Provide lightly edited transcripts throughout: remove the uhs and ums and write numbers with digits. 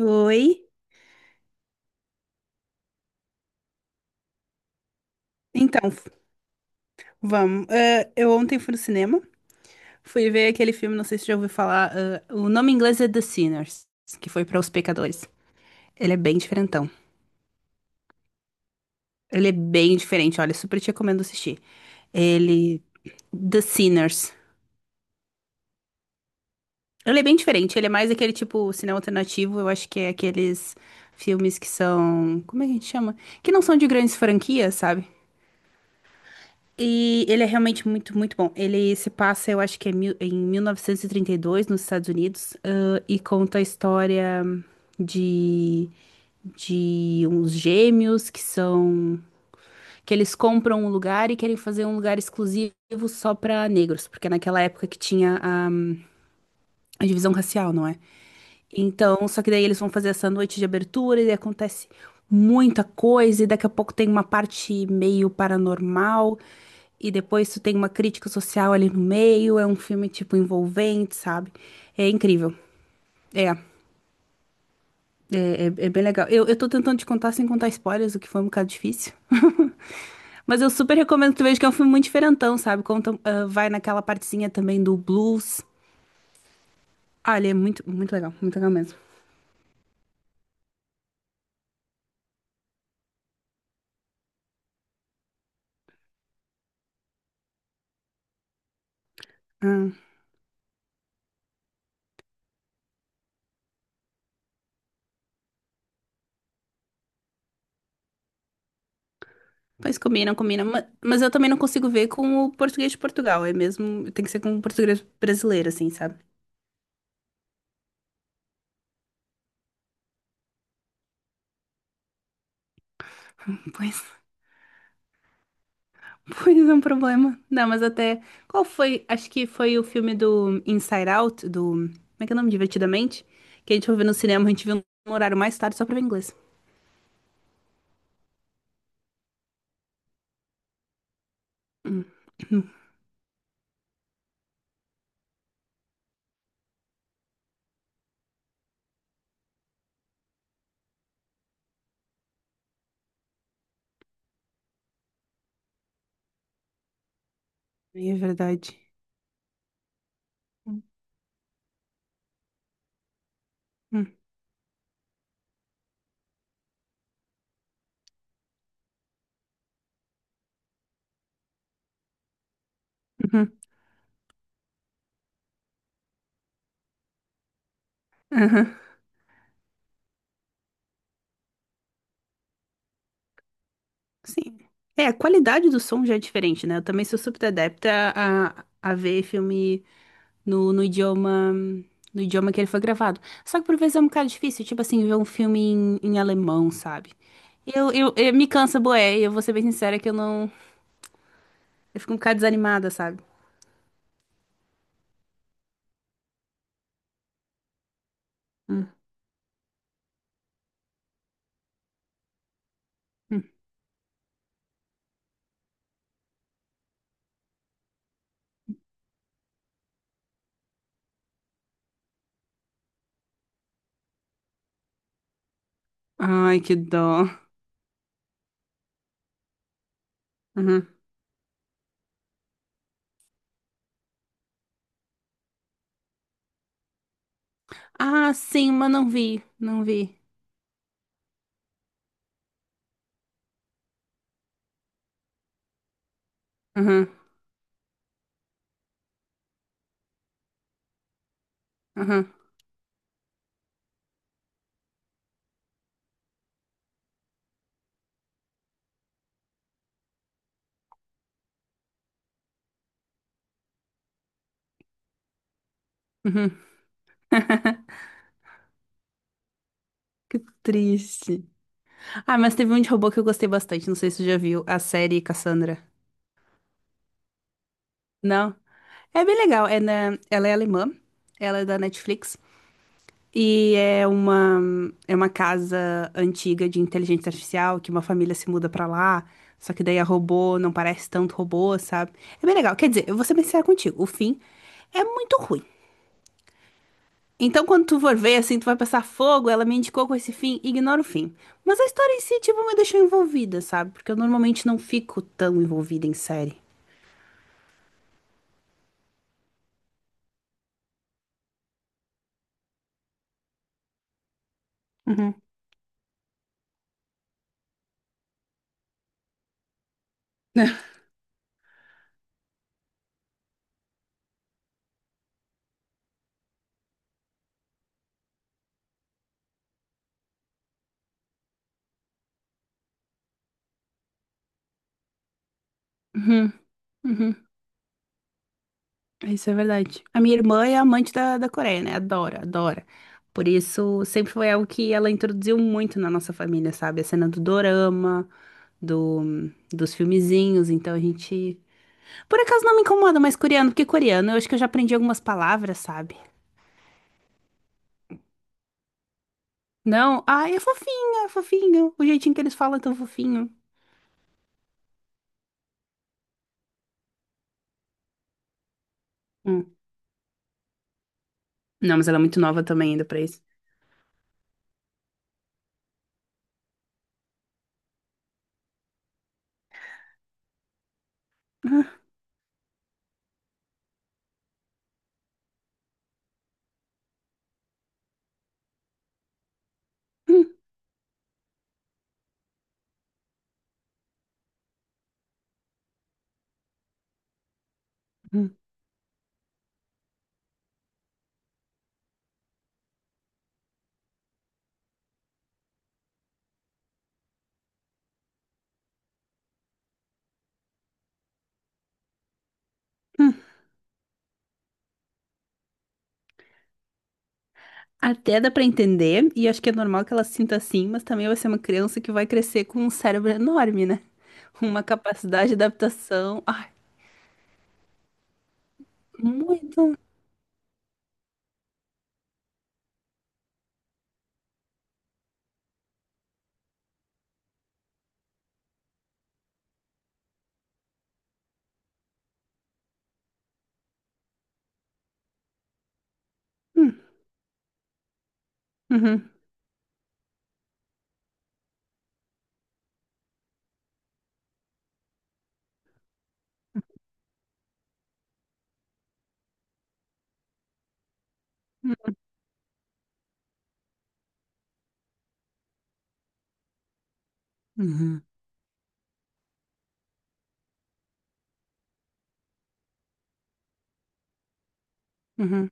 Oi. Então, vamos. Eu ontem fui no cinema, fui ver aquele filme, não sei se já ouviu falar. O nome em inglês é The Sinners, que foi para Os Pecadores. Ele é bem diferentão. Ele é bem diferente, olha, super te recomendo assistir. Ele. The Sinners. Ele é bem diferente, ele é mais aquele tipo cinema alternativo, eu acho que é aqueles filmes que são. Como é que a gente chama? Que não são de grandes franquias, sabe? E ele é realmente muito, muito bom. Ele se passa, eu acho que é em 1932, nos Estados Unidos, e conta a história de, de uns gêmeos que são, que eles compram um lugar e querem fazer um lugar exclusivo só para negros, porque é naquela época que tinha a divisão racial, não é? Então, só que daí eles vão fazer essa noite de abertura e acontece muita coisa, e daqui a pouco tem uma parte meio paranormal, e depois tu tem uma crítica social ali no meio, é um filme, tipo, envolvente, sabe? É incrível. É, é, é bem legal. Eu tô tentando te contar sem contar spoilers, o que foi um bocado difícil. Mas eu super recomendo que tu veja que é um filme muito diferentão, sabe? Conta, ah, vai naquela partezinha também do blues. Olha, é muito, muito legal mesmo. Pois combina, combina. Mas eu também não consigo ver com o português de Portugal. É mesmo. Tem que ser com o português brasileiro, assim, sabe? Pois, pois é um problema. Não, mas até. Qual foi? Acho que foi o filme do Inside Out, do. Como é que é o nome? Divertidamente? Que a gente foi ver no cinema, a gente viu no horário mais tarde só pra ver inglês. É verdade. Hum, hum, uhum, uhum. Sim. É, a qualidade do som já é diferente, né? Eu também sou super adepta a ver filme, no, no idioma, no idioma que ele foi gravado. Só que por vezes é um bocado difícil, tipo assim, ver um filme em, em alemão, sabe? Me cansa, boé, eu vou ser bem sincera que eu não, eu fico um bocado desanimada, sabe? Hum. Ai, que dó. Uhum. Ah, sim, mas não vi, não vi. Uhum, uhum, uhum. Que triste. Ah, mas teve um de robô que eu gostei bastante, não sei se você já viu, a série Cassandra. Não? É bem legal, ela é alemã, ela é da Netflix. E é uma, é uma casa antiga de inteligência artificial que uma família se muda pra lá. Só que daí a robô não parece tanto robô, sabe? É bem legal. Quer dizer, eu vou ser bem sincera contigo. O fim é muito ruim. Então, quando tu for ver, assim, tu vai passar fogo, ela me indicou com esse fim, ignora o fim. Mas a história em si, tipo, me deixou envolvida, sabe? Porque eu normalmente não fico tão envolvida em série. Uhum. Uhum, uhum. Isso é verdade. A minha irmã é amante da Coreia, né? Adora, adora. Por isso, sempre foi algo que ela introduziu muito na nossa família, sabe? A cena do dorama, do, dos filmezinhos. Então a gente. Por acaso não me incomoda mais coreano, porque coreano eu acho que eu já aprendi algumas palavras, sabe? Não, ai, é fofinho, é fofinho. O jeitinho que eles falam é tão fofinho. Hum. Não, mas ela é muito nova também ainda pra isso. Até dá pra entender, e acho que é normal que ela se sinta assim, mas também vai ser uma criança que vai crescer com um cérebro enorme, né? Uma capacidade de adaptação. Ai, muito. Hum, uhum, uhum, uhum, uhum.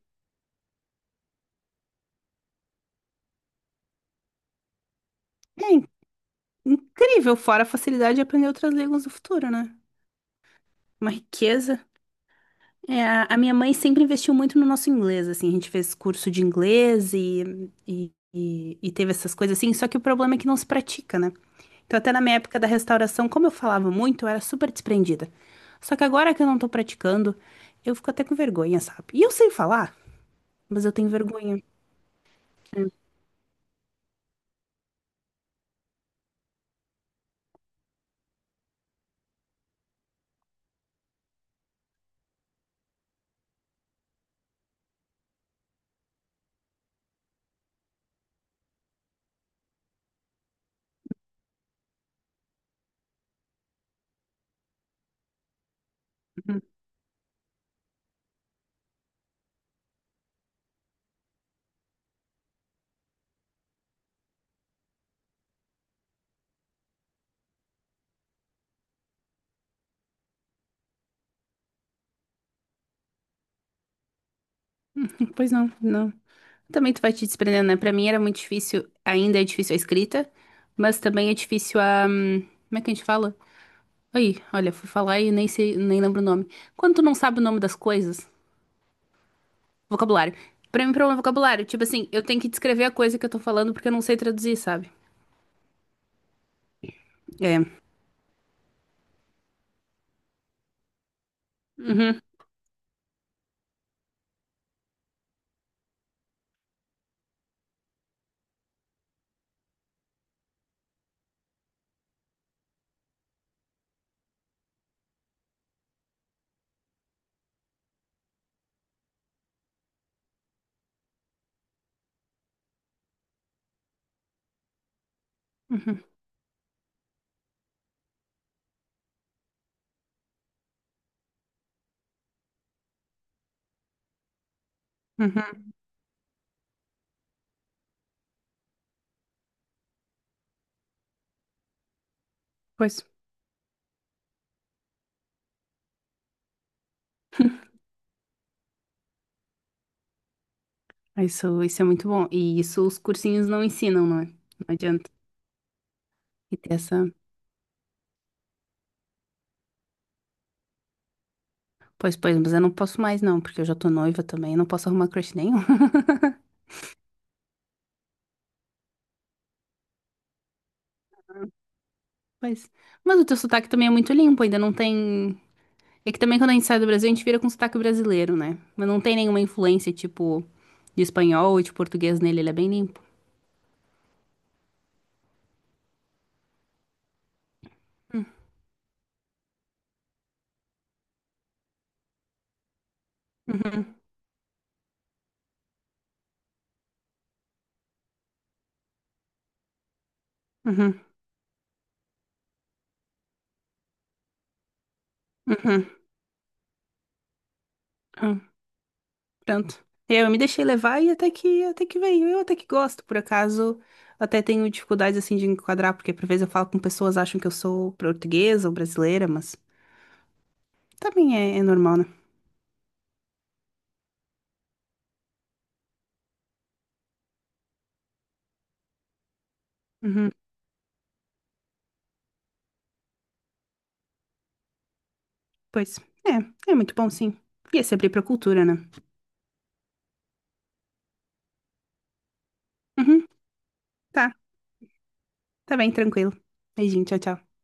É in- incrível, fora a facilidade de aprender outras línguas no futuro, né? Uma riqueza. É, a minha mãe sempre investiu muito no nosso inglês, assim, a gente fez curso de inglês e teve essas coisas assim, só que o problema é que não se pratica, né? Então, até na minha época da restauração, como eu falava muito, eu era super desprendida. Só que agora que eu não tô praticando, eu fico até com vergonha, sabe? E eu sei falar, mas eu tenho vergonha. Uhum. Pois não, não. Também tu vai te desprendendo, né? Pra mim era muito difícil, ainda é difícil a escrita, mas também é difícil a. Como é que a gente fala? Aí, olha, fui falar e nem sei, nem lembro o nome. Quando tu não sabe o nome das coisas, vocabulário. Pra mim, problema é vocabulário. Tipo assim, eu tenho que descrever a coisa que eu tô falando porque eu não sei traduzir, sabe? É. Uhum. Uhum. Uhum, pois, isso é muito bom. E isso os cursinhos não ensinam, não é? Não adianta. E ter essa. Pois, pois, mas eu não posso mais, não, porque eu já tô noiva também, eu não posso arrumar crush nenhum. Pois. Mas o teu sotaque também é muito limpo, ainda não tem. É que também quando a gente sai do Brasil, a gente vira com sotaque brasileiro, né? Mas não tem nenhuma influência, tipo, de espanhol ou de português nele, ele é bem limpo. Uhum, uhum. Pronto. Eu me deixei levar e até que veio. Eu até que gosto, por acaso. Até tenho dificuldades assim de enquadrar, porque por vezes eu falo com pessoas acham que eu sou portuguesa ou brasileira, mas também é, é normal, né? Uhum. Pois. É, é muito bom sim. E é sempre pra cultura, né? Uhum. Tá, tá bem, tranquilo. Beijinho, tchau, tchau.